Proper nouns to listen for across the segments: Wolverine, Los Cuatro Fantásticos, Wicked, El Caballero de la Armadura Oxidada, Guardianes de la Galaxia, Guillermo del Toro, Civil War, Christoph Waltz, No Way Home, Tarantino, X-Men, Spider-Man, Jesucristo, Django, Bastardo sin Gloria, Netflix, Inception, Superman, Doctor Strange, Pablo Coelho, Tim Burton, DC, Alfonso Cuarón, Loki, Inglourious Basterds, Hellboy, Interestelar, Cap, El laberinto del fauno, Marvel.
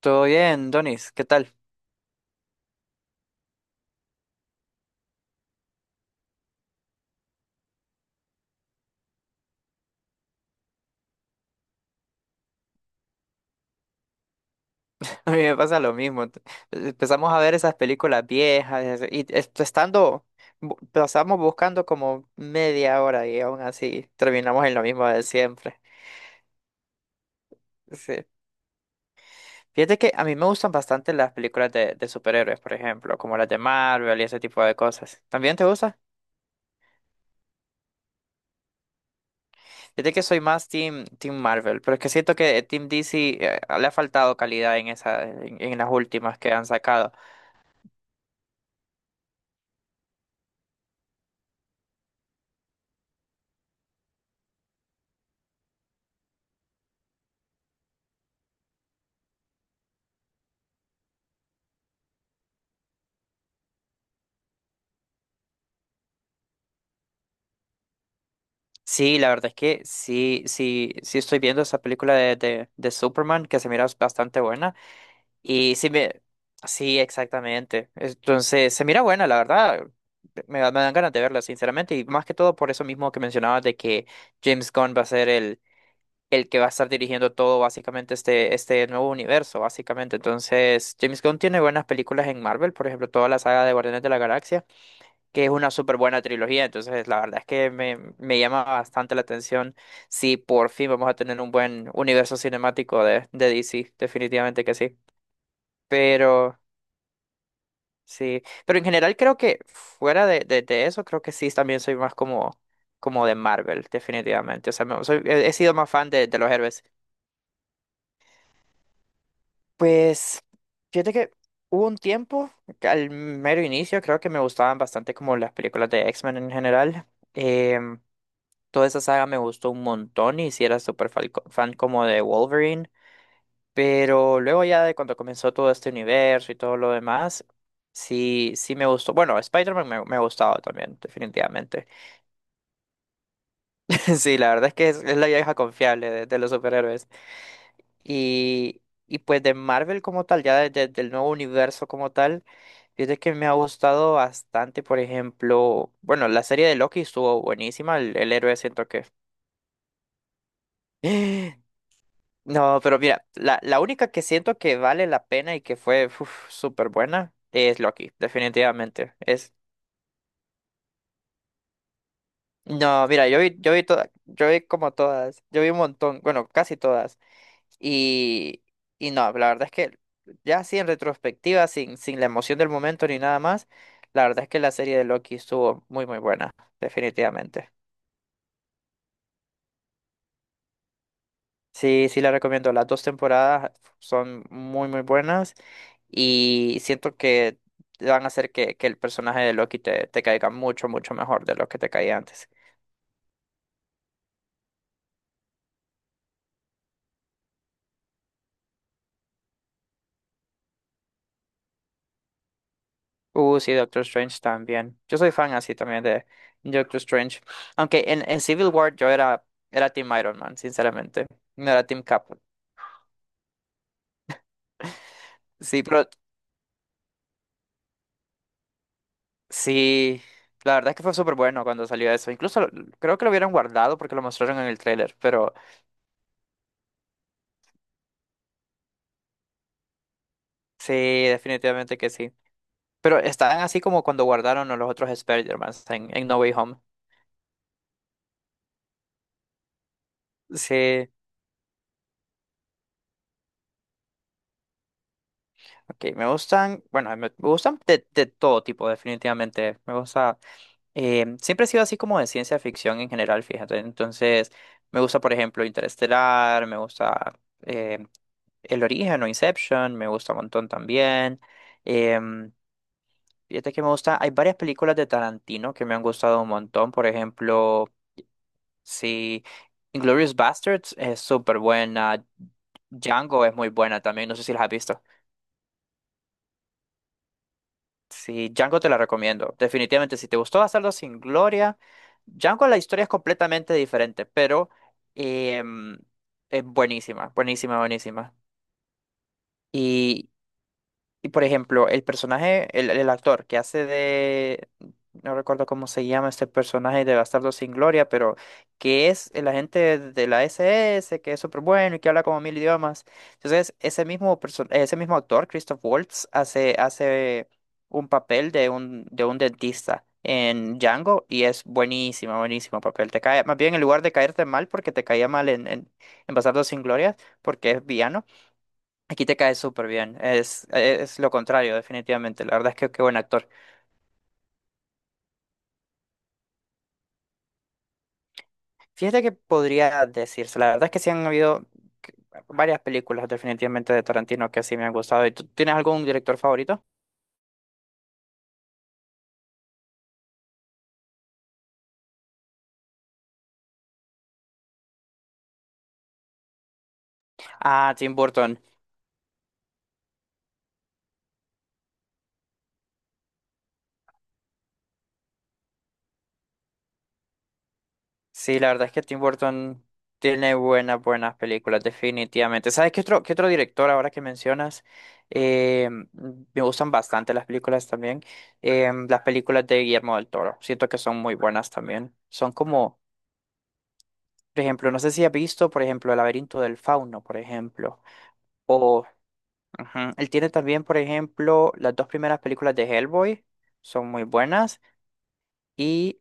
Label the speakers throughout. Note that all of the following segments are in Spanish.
Speaker 1: Todo bien, Donis, ¿qué tal? A mí me pasa lo mismo. Empezamos a ver esas películas viejas estando, pasamos buscando como media hora y aún así terminamos en lo mismo de siempre. Sí. Fíjate que a mí me gustan bastante las películas de superhéroes, por ejemplo, como las de Marvel y ese tipo de cosas. ¿También te gusta? Fíjate que soy más team Marvel, pero es que siento que Team DC le ha faltado calidad en esa, en las últimas que han sacado. Sí, la verdad es que sí, sí, sí estoy viendo esa película de Superman que se mira bastante buena. Y sí, exactamente. Entonces, se mira buena, la verdad. Me dan ganas de verla, sinceramente. Y más que todo por eso mismo que mencionabas de que James Gunn va a ser el que va a estar dirigiendo todo, básicamente, este nuevo universo, básicamente. Entonces, James Gunn tiene buenas películas en Marvel, por ejemplo, toda la saga de Guardianes de la Galaxia que es una súper buena trilogía, entonces la verdad es que me llama bastante la atención si por fin vamos a tener un buen universo cinemático de DC, definitivamente que pero sí, pero en general creo que fuera de eso, creo que sí, también soy más como, como de Marvel, definitivamente, o sea, he sido más fan de los héroes. Pues, fíjate que hubo un tiempo, que al mero inicio, creo que me gustaban bastante como las películas de X-Men en general. em, Toda esa saga me gustó un montón y sí era súper fan como de Wolverine, pero luego ya de cuando comenzó todo este universo y todo lo demás, sí, sí me gustó. Bueno, me ha gustado también, definitivamente. Sí, la verdad es que es la vieja confiable de los superhéroes. Y, y pues de Marvel como tal, ya del nuevo universo como tal, fíjate que me ha gustado bastante, por ejemplo, bueno, la serie de Loki estuvo buenísima, el héroe siento que... No, pero mira, la única que siento que vale la pena y que fue uf, súper buena es Loki, definitivamente. Es, no, mira, yo vi como todas, yo vi un montón, bueno, casi todas. Y, y no, la verdad es que ya así en retrospectiva, sin la emoción del momento ni nada más, la verdad es que la serie de Loki estuvo muy, muy buena, definitivamente. Sí, sí la recomiendo. Las dos temporadas son muy, muy buenas y siento que van a hacer que el personaje de Loki te caiga mucho, mucho mejor de lo que te caía antes. Sí, Doctor Strange también. Yo soy fan así también de Doctor Strange. Aunque en Civil War era Team Iron Man, sinceramente. No era Team Cap. Sí, pero sí, la verdad es que fue súper bueno cuando salió eso. Creo que lo hubieran guardado porque lo mostraron en el tráiler, pero sí, definitivamente que sí. Pero están así como cuando guardaron a los otros Spider-Man en No Way Home. Sí, ok, me gustan, bueno, me gustan de todo tipo, definitivamente. Me gusta, siempre he sido así como de ciencia ficción en general, fíjate. Entonces, me gusta, por ejemplo, Interestelar, me gusta eh, El Origen o Inception, me gusta un montón también. Em, Fíjate que me gusta, hay varias películas de Tarantino que me han gustado un montón, por ejemplo. Sí, Inglourious Basterds es súper buena. Django es muy buena también, no sé si las has visto. Sí, Django te la recomiendo. Definitivamente, si te gustó Bastardo sin Gloria, Django la historia es completamente diferente, pero em, es buenísima, buenísima, buenísima. Y Y por ejemplo, el personaje, el actor que hace de, no recuerdo cómo se llama este personaje de Bastardo sin Gloria, pero que es el agente de la S S que es súper bueno y que habla como mil idiomas. Entonces, ese mismo actor, Christoph Waltz, hace, hace un papel de un dentista en Django y es buenísimo, buenísimo papel. Te cae, más bien en lugar de caerte mal, porque te caía mal en Bastardo sin Gloria, porque es villano. Aquí te cae súper bien. Es lo contrario, definitivamente. La verdad es que qué buen actor. Fíjate que podría decirse. La verdad es que sí han habido que- varias películas, definitivamente, de Tarantino que sí me han gustado. ¿Y tú tienes algún director favorito? Ah, Tim Burton. Sí, la verdad es que Tim Burton tiene buenas, buenas películas, definitivamente. ¿Sabes qué otro director ahora que mencionas? Me gustan bastante las películas también. Las películas de Guillermo del Toro. Siento que son muy buenas también. Son como por ejemplo, no sé si has visto, por ejemplo, El laberinto del fauno, por ejemplo. O ujú, él tiene también, por ejemplo, las dos primeras películas de Hellboy, son muy buenas. Y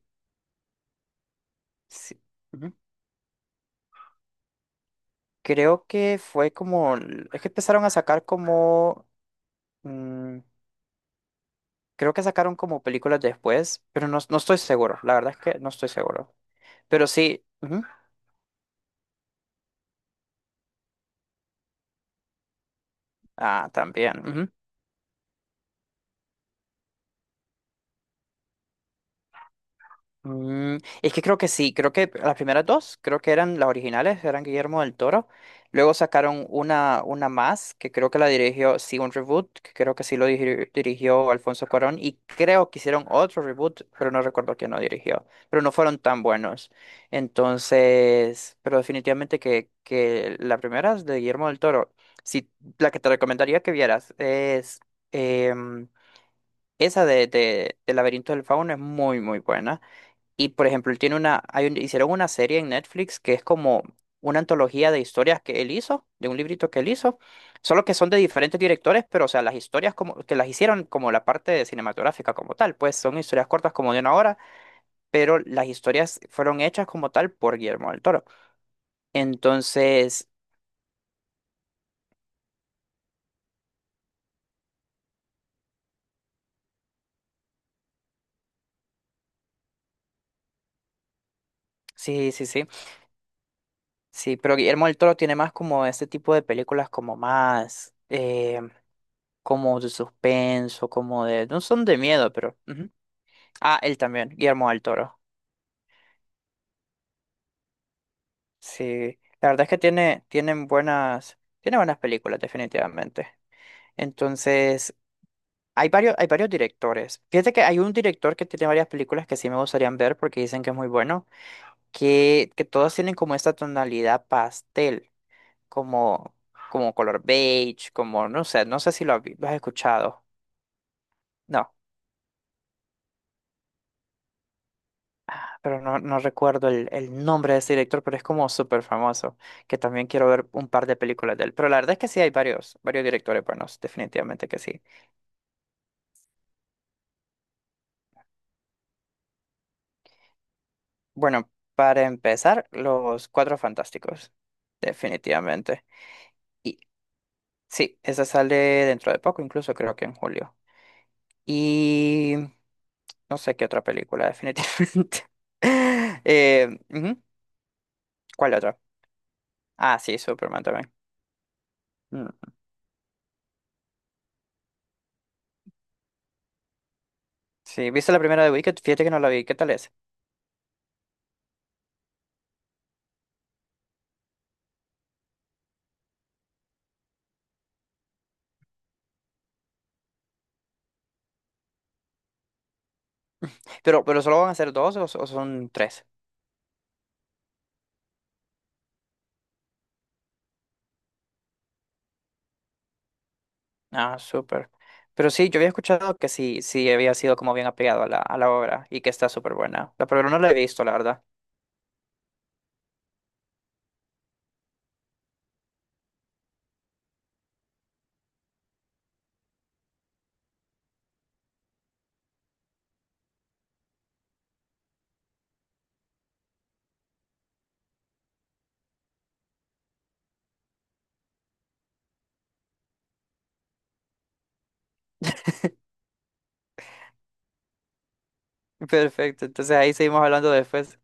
Speaker 1: sí, ujú, creo que fue como, es que empezaron a sacar como, mm, creo que sacaron como películas después, pero no, no estoy seguro, la verdad es que no estoy seguro. Pero sí, ujú, ah, también. Mm, es que creo que sí, creo que las primeras dos, creo que eran las originales, eran Guillermo del Toro. Luego sacaron una más, que creo que la dirigió, sí, un reboot, que creo que sí lo dirigió Alfonso Cuarón. Y creo que hicieron otro reboot, pero no recuerdo quién lo dirigió. Pero no fueron tan buenos. Entonces, pero definitivamente que la primera es de Guillermo del Toro. Sí, la que te recomendaría que vieras es em, esa de Laberinto del Fauno, es muy, muy buena. Y por ejemplo, él tiene una, hay hicieron una serie en Netflix que es como una antología de historias que él hizo, de un librito que él hizo, solo que son de diferentes directores, pero o sea, las historias como que las hicieron como la parte de cinematográfica como tal, pues son historias cortas como de una hora, pero las historias fueron hechas como tal por Guillermo del Toro. Entonces, sí, sí, sí, sí, pero Guillermo del Toro tiene más como este tipo de películas como más, como de suspenso, como de, no son de miedo, pero... ujú. Ah, él también, Guillermo del Toro. Sí, la verdad es que tiene, tienen buenas, tiene buenas películas, definitivamente. Entonces, hay varios directores. Fíjate que hay un director que tiene varias películas que sí me gustarían ver porque dicen que es muy bueno, que todas tienen como esta tonalidad pastel, como, como color beige, como, no sé, no sé si lo has, lo has escuchado. No, pero no, no recuerdo el nombre de ese director, pero es como súper famoso, que también quiero ver un par de películas de él. Pero la verdad es que sí hay varios, varios directores buenos, definitivamente que sí. Bueno, para empezar, Los Cuatro Fantásticos, definitivamente. Y sí, esa sale dentro de poco, incluso creo que en julio. Y no sé qué otra película, definitivamente. Ujú, ¿Cuál otra? Ah, sí, Superman también. Mm. Sí, ¿viste la primera de Wicked? Fíjate que no la vi. ¿Qué tal es? Pero solo van a ser dos o son tres. Ah, súper. Pero sí, yo había escuchado que sí, sí había sido como bien apegado a a la obra y que está súper buena. La, pero no la he visto, la verdad. Perfecto, entonces ahí seguimos hablando después.